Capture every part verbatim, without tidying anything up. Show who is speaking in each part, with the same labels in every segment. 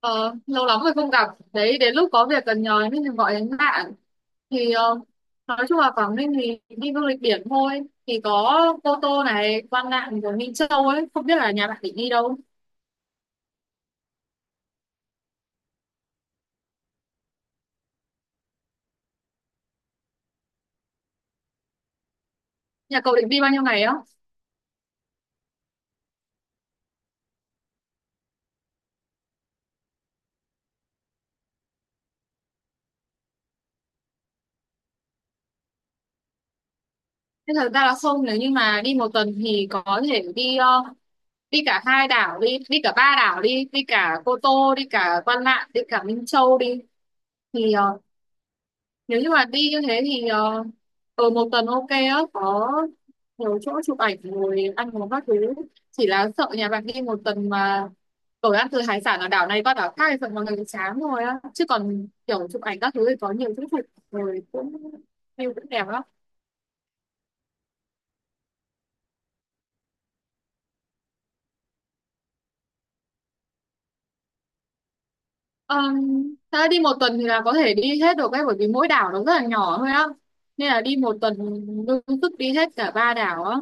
Speaker 1: Ờ, lâu lắm rồi không gặp. Đấy, đến lúc có việc cần nhờ nên mình gọi đến bạn. Thì ờ, nói chung là Quảng Ninh thì đi du lịch biển thôi. Thì có Cô Tô này, Quan Lạn rồi Minh Châu ấy. Không biết là nhà bạn định đi đâu. Nhà cậu định đi bao nhiêu ngày á? Thế thật ra là không, nếu như mà đi một tuần thì có thể đi ờ, đi cả hai đảo đi, đi cả ba đảo đi, đi cả Cô Tô, đi cả Quan Lạn, đi cả Minh Châu đi. Thì ờ, nếu như mà đi như thế thì ờ, ở một tuần ok á, có nhiều chỗ chụp ảnh rồi ăn uống các thứ. Chỉ là sợ nhà bạn đi một tuần mà ở ăn từ hải sản ở đảo này qua đảo khác thì sợ mọi người chán rồi á, chứ còn kiểu chụp ảnh các thứ thì có nhiều chỗ chụp, rồi cũng view cũng đẹp lắm. um, Thật ra đi một tuần thì là có thể đi hết được ấy, bởi vì mỗi đảo nó rất là nhỏ thôi á, nên là đi một tuần đương sức đi hết cả ba đảo á.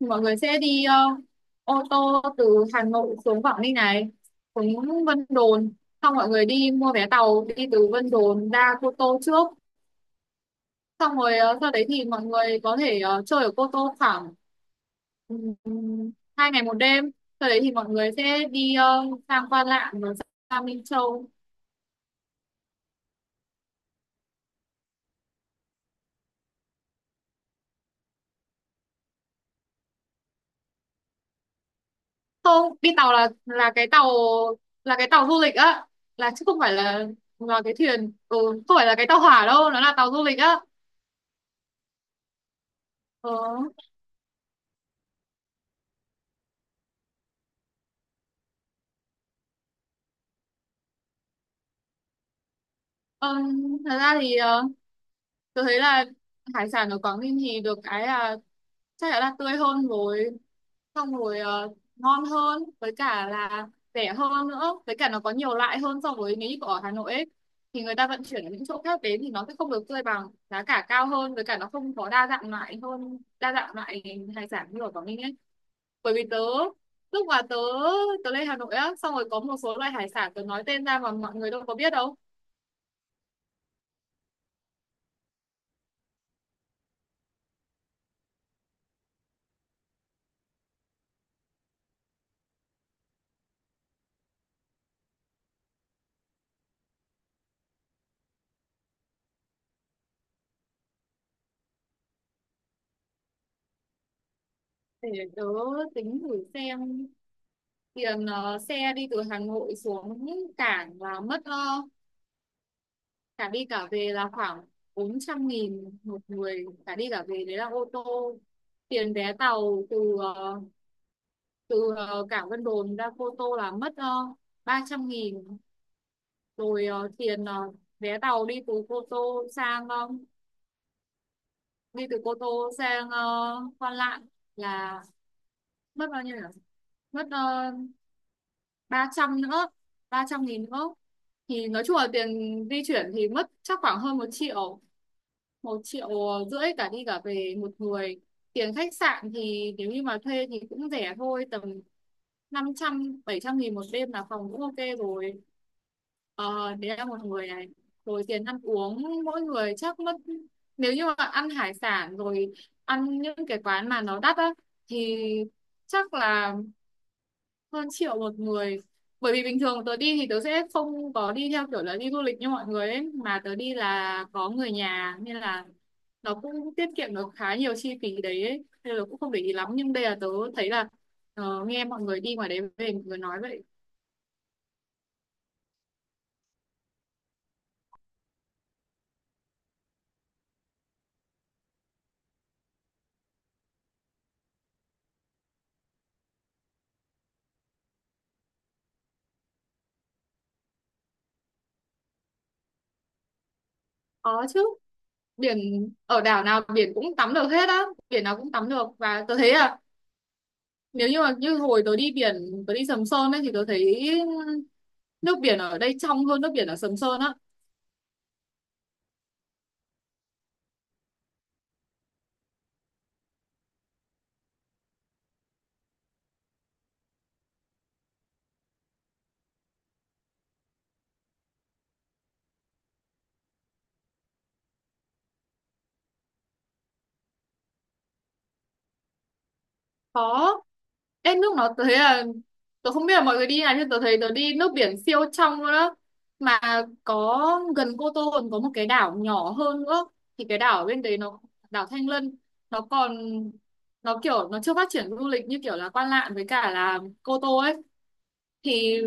Speaker 1: Mọi người sẽ đi ờ, ô tô từ Hà Nội xuống Quảng Ninh này, xuống Vân Đồn, xong mọi người đi mua vé tàu đi từ Vân Đồn ra Cô Tô trước. Xong rồi ờ, sau đấy thì mọi người có thể ờ, chơi ở Cô Tô khoảng ừm, hai ngày một đêm. Sau đấy thì mọi người sẽ đi ờ, sang Quan Lạn rồi sang Minh Châu. Không, đi tàu là là cái tàu, là cái tàu du lịch á, là chứ không phải là là cái thuyền. ừ, Không phải là cái tàu hỏa đâu, nó là tàu du lịch á. Ừ. Ờ, thật ra thì ờ, tôi thấy là hải sản ở Quảng Ninh thì được cái là chắc chắn là tươi hơn rồi, xong rồi ờ, ngon hơn, với cả là rẻ hơn nữa, với cả nó có nhiều loại hơn so với nếu như ở Hà Nội ấy, thì người ta vận chuyển ở những chỗ khác đến thì nó sẽ không được tươi bằng, giá cả cao hơn, với cả nó không có đa dạng loại, hơn đa dạng loại hải sản như ở Quảng Ninh ấy. Bởi vì tớ lúc mà tớ tớ lên Hà Nội á, xong rồi có một số loại hải sản tớ nói tên ra mà mọi người đâu có biết đâu. Để tớ tính thử xem, tiền ờ, xe đi từ Hà Nội xuống cảng là mất ờ, cả đi cả về là khoảng bốn trăm nghìn một người cả đi cả về, đấy là ô tô. Tiền vé tàu từ ờ, từ ờ, cảng Vân Đồn ra Cô Tô là mất uh, ba trăm nghìn. Rồi ờ, tiền ờ, vé tàu đi từ Cô Tô sang ờ, đi từ Cô Tô sang ờ, Quan Lạn là mất bao nhiêu nhỉ, mất ờ, ba trăm nữa, ba trăm nghìn nữa. Thì nói chung là tiền di chuyển thì mất chắc khoảng hơn một triệu, một triệu rưỡi cả đi cả về một người. Tiền khách sạn thì nếu như mà thuê thì cũng rẻ thôi, tầm năm trăm, bảy trăm nghìn một đêm là phòng cũng ok rồi. Ờ, đấy là một người này. Rồi tiền ăn uống mỗi người chắc mất, nếu như mà ăn hải sản, rồi ăn những cái quán mà nó đắt á, thì chắc là hơn triệu một người. Bởi vì bình thường tớ đi thì tớ sẽ không có đi theo kiểu là đi du lịch như mọi người ấy, mà tớ đi là có người nhà nên là nó cũng tiết kiệm được khá nhiều chi phí đấy ấy. Nên là cũng không để ý lắm, nhưng đây là tớ thấy là, ờ, nghe mọi người đi ngoài đấy về mọi người nói vậy. Có chứ, biển ở đảo nào biển cũng tắm được hết á, biển nào cũng tắm được. Và tôi thấy là, nếu như mà như hồi tôi đi biển, tôi đi Sầm Sơn ấy, thì tôi thấy nước biển ở đây trong hơn nước biển ở Sầm Sơn á. Có. Ê, nước nó, tớ thấy là, tôi không biết là mọi người đi nào, nhưng tôi thấy tôi đi nước biển siêu trong luôn đó, mà có, gần Cô Tô còn có một cái đảo nhỏ hơn nữa, thì cái đảo ở bên đấy nó, đảo Thanh Lân, nó còn, nó kiểu nó chưa phát triển du lịch như kiểu là Quan Lạn với cả là Cô Tô ấy, thì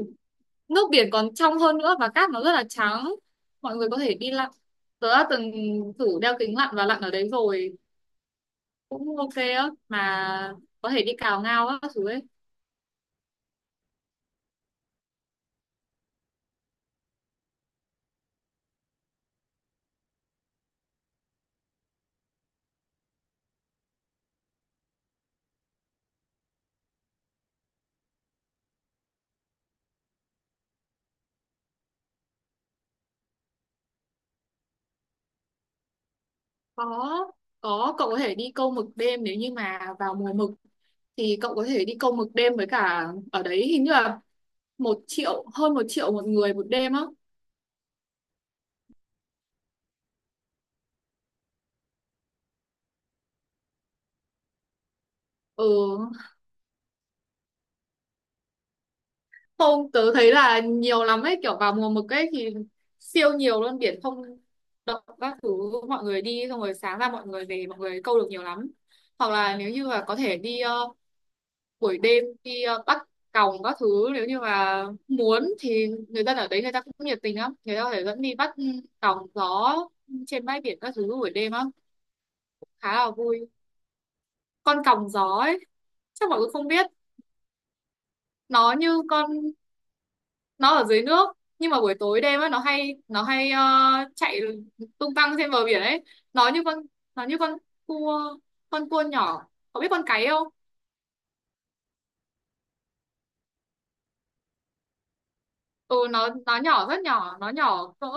Speaker 1: nước biển còn trong hơn nữa và cát nó rất là trắng. Mọi người có thể đi lặn, tớ đã từng thử đeo kính lặn và lặn ở đấy rồi, cũng ok á, mà có thể đi cào ngao á các thứ ấy. có có cậu có thể đi câu mực đêm nếu như mà vào mùa mực, thì cậu có thể đi câu mực đêm, với cả ở đấy hình như là một triệu, hơn một triệu một người một đêm á. Ừ không, tớ thấy là nhiều lắm ấy, kiểu vào mùa mực ấy thì siêu nhiều luôn, biển không động các thứ, mọi người đi xong rồi sáng ra mọi người về mọi người câu được nhiều lắm. Hoặc là nếu như là có thể đi ờ, buổi đêm, đi ờ, bắt còng các thứ, nếu như mà muốn thì người dân ở đấy người ta cũng nhiệt tình lắm, người ta có thể dẫn đi bắt ừ, còng gió trên bãi biển các thứ buổi đêm á, khá là vui. Con còng gió ấy, chắc mọi người không biết, nó như con, nó ở dưới nước nhưng mà buổi tối đêm á nó hay nó hay ờ, chạy tung tăng trên bờ biển ấy. Nó như con, nó như con cua, con cua nhỏ, có biết con cái không. Ừ nó nó nhỏ, rất nhỏ, nó nhỏ cỡ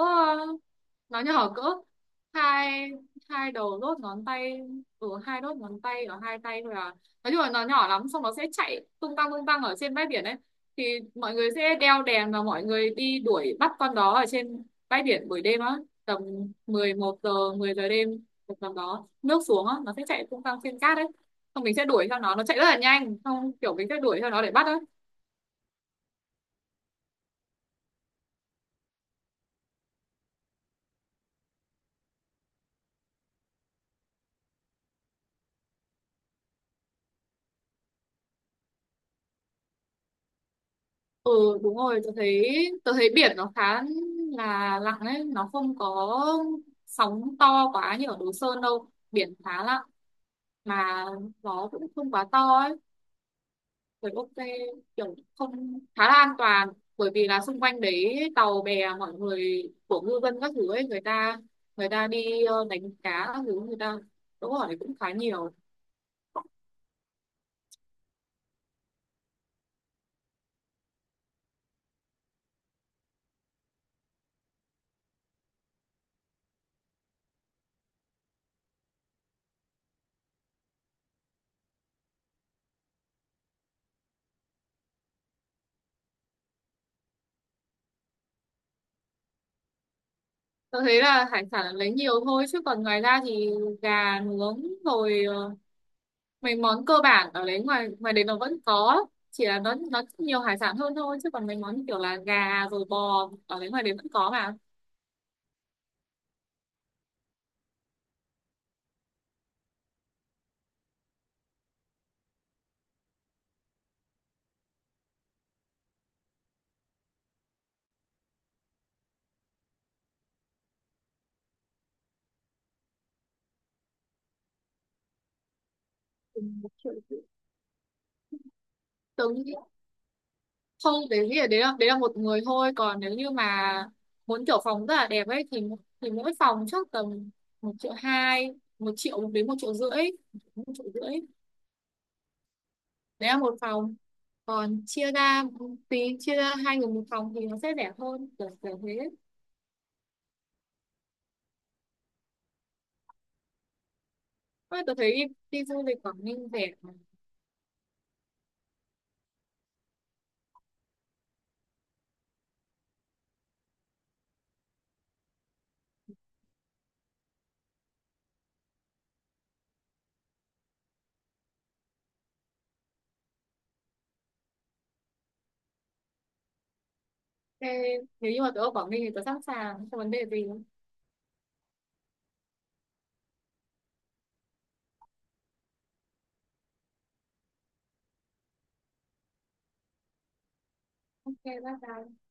Speaker 1: nó nhỏ cỡ hai, hai đầu đốt ngón tay. Ừ hai đốt ngón tay ở hai tay thôi à, nói chung là nó nhỏ lắm, xong nó sẽ chạy tung tăng tung tăng ở trên bãi biển ấy, thì mọi người sẽ đeo đèn và mọi người đi đuổi bắt con đó ở trên bãi biển buổi đêm á, tầm mười một giờ, mười giờ đêm, một tầm đó nước xuống á nó sẽ chạy tung tăng trên cát ấy, xong mình sẽ đuổi theo nó nó chạy rất là nhanh, xong kiểu mình sẽ đuổi theo nó để bắt á. Ừ đúng rồi, tôi thấy tôi thấy biển nó khá là lặng đấy, nó không có sóng to quá như ở Đồ Sơn đâu, biển khá lặng, mà gió cũng không quá to ấy, rồi ok kiểu không, khá là an toàn, bởi vì là xung quanh đấy tàu bè mọi người của ngư dân các thứ ấy, người ta, người ta đi ờ, đánh cá các thứ, người ta đỗ ở đấy cũng khá nhiều. Tôi thấy là hải sản là lấy nhiều thôi, chứ còn ngoài ra thì gà nướng rồi ờ, mấy món cơ bản ở đấy, ngoài ngoài đấy nó vẫn có, chỉ là nó nó nhiều hải sản hơn thôi, chứ còn mấy món như kiểu là gà rồi bò ở đấy ngoài đấy vẫn có mà. Cùng một triệu rưỡi. Tớ nghĩ không, đấy nghĩ là đấy là đấy là một người thôi, còn nếu như mà muốn kiểu phòng rất là đẹp ấy thì thì mỗi phòng chắc tầm một triệu hai, một triệu đến một triệu rưỡi, một triệu rưỡi đấy là một phòng. Còn chia ra, tí chia ra hai người một phòng thì nó sẽ rẻ hơn, kiểu kiểu thế. Ôi, tớ thấy đi, đi du lịch Quảng Ninh rẻ mà. Ok, nếu như mà tớ ở Quảng Ninh thì tớ sẵn sàng, không vấn đề gì. Ok, bye bye.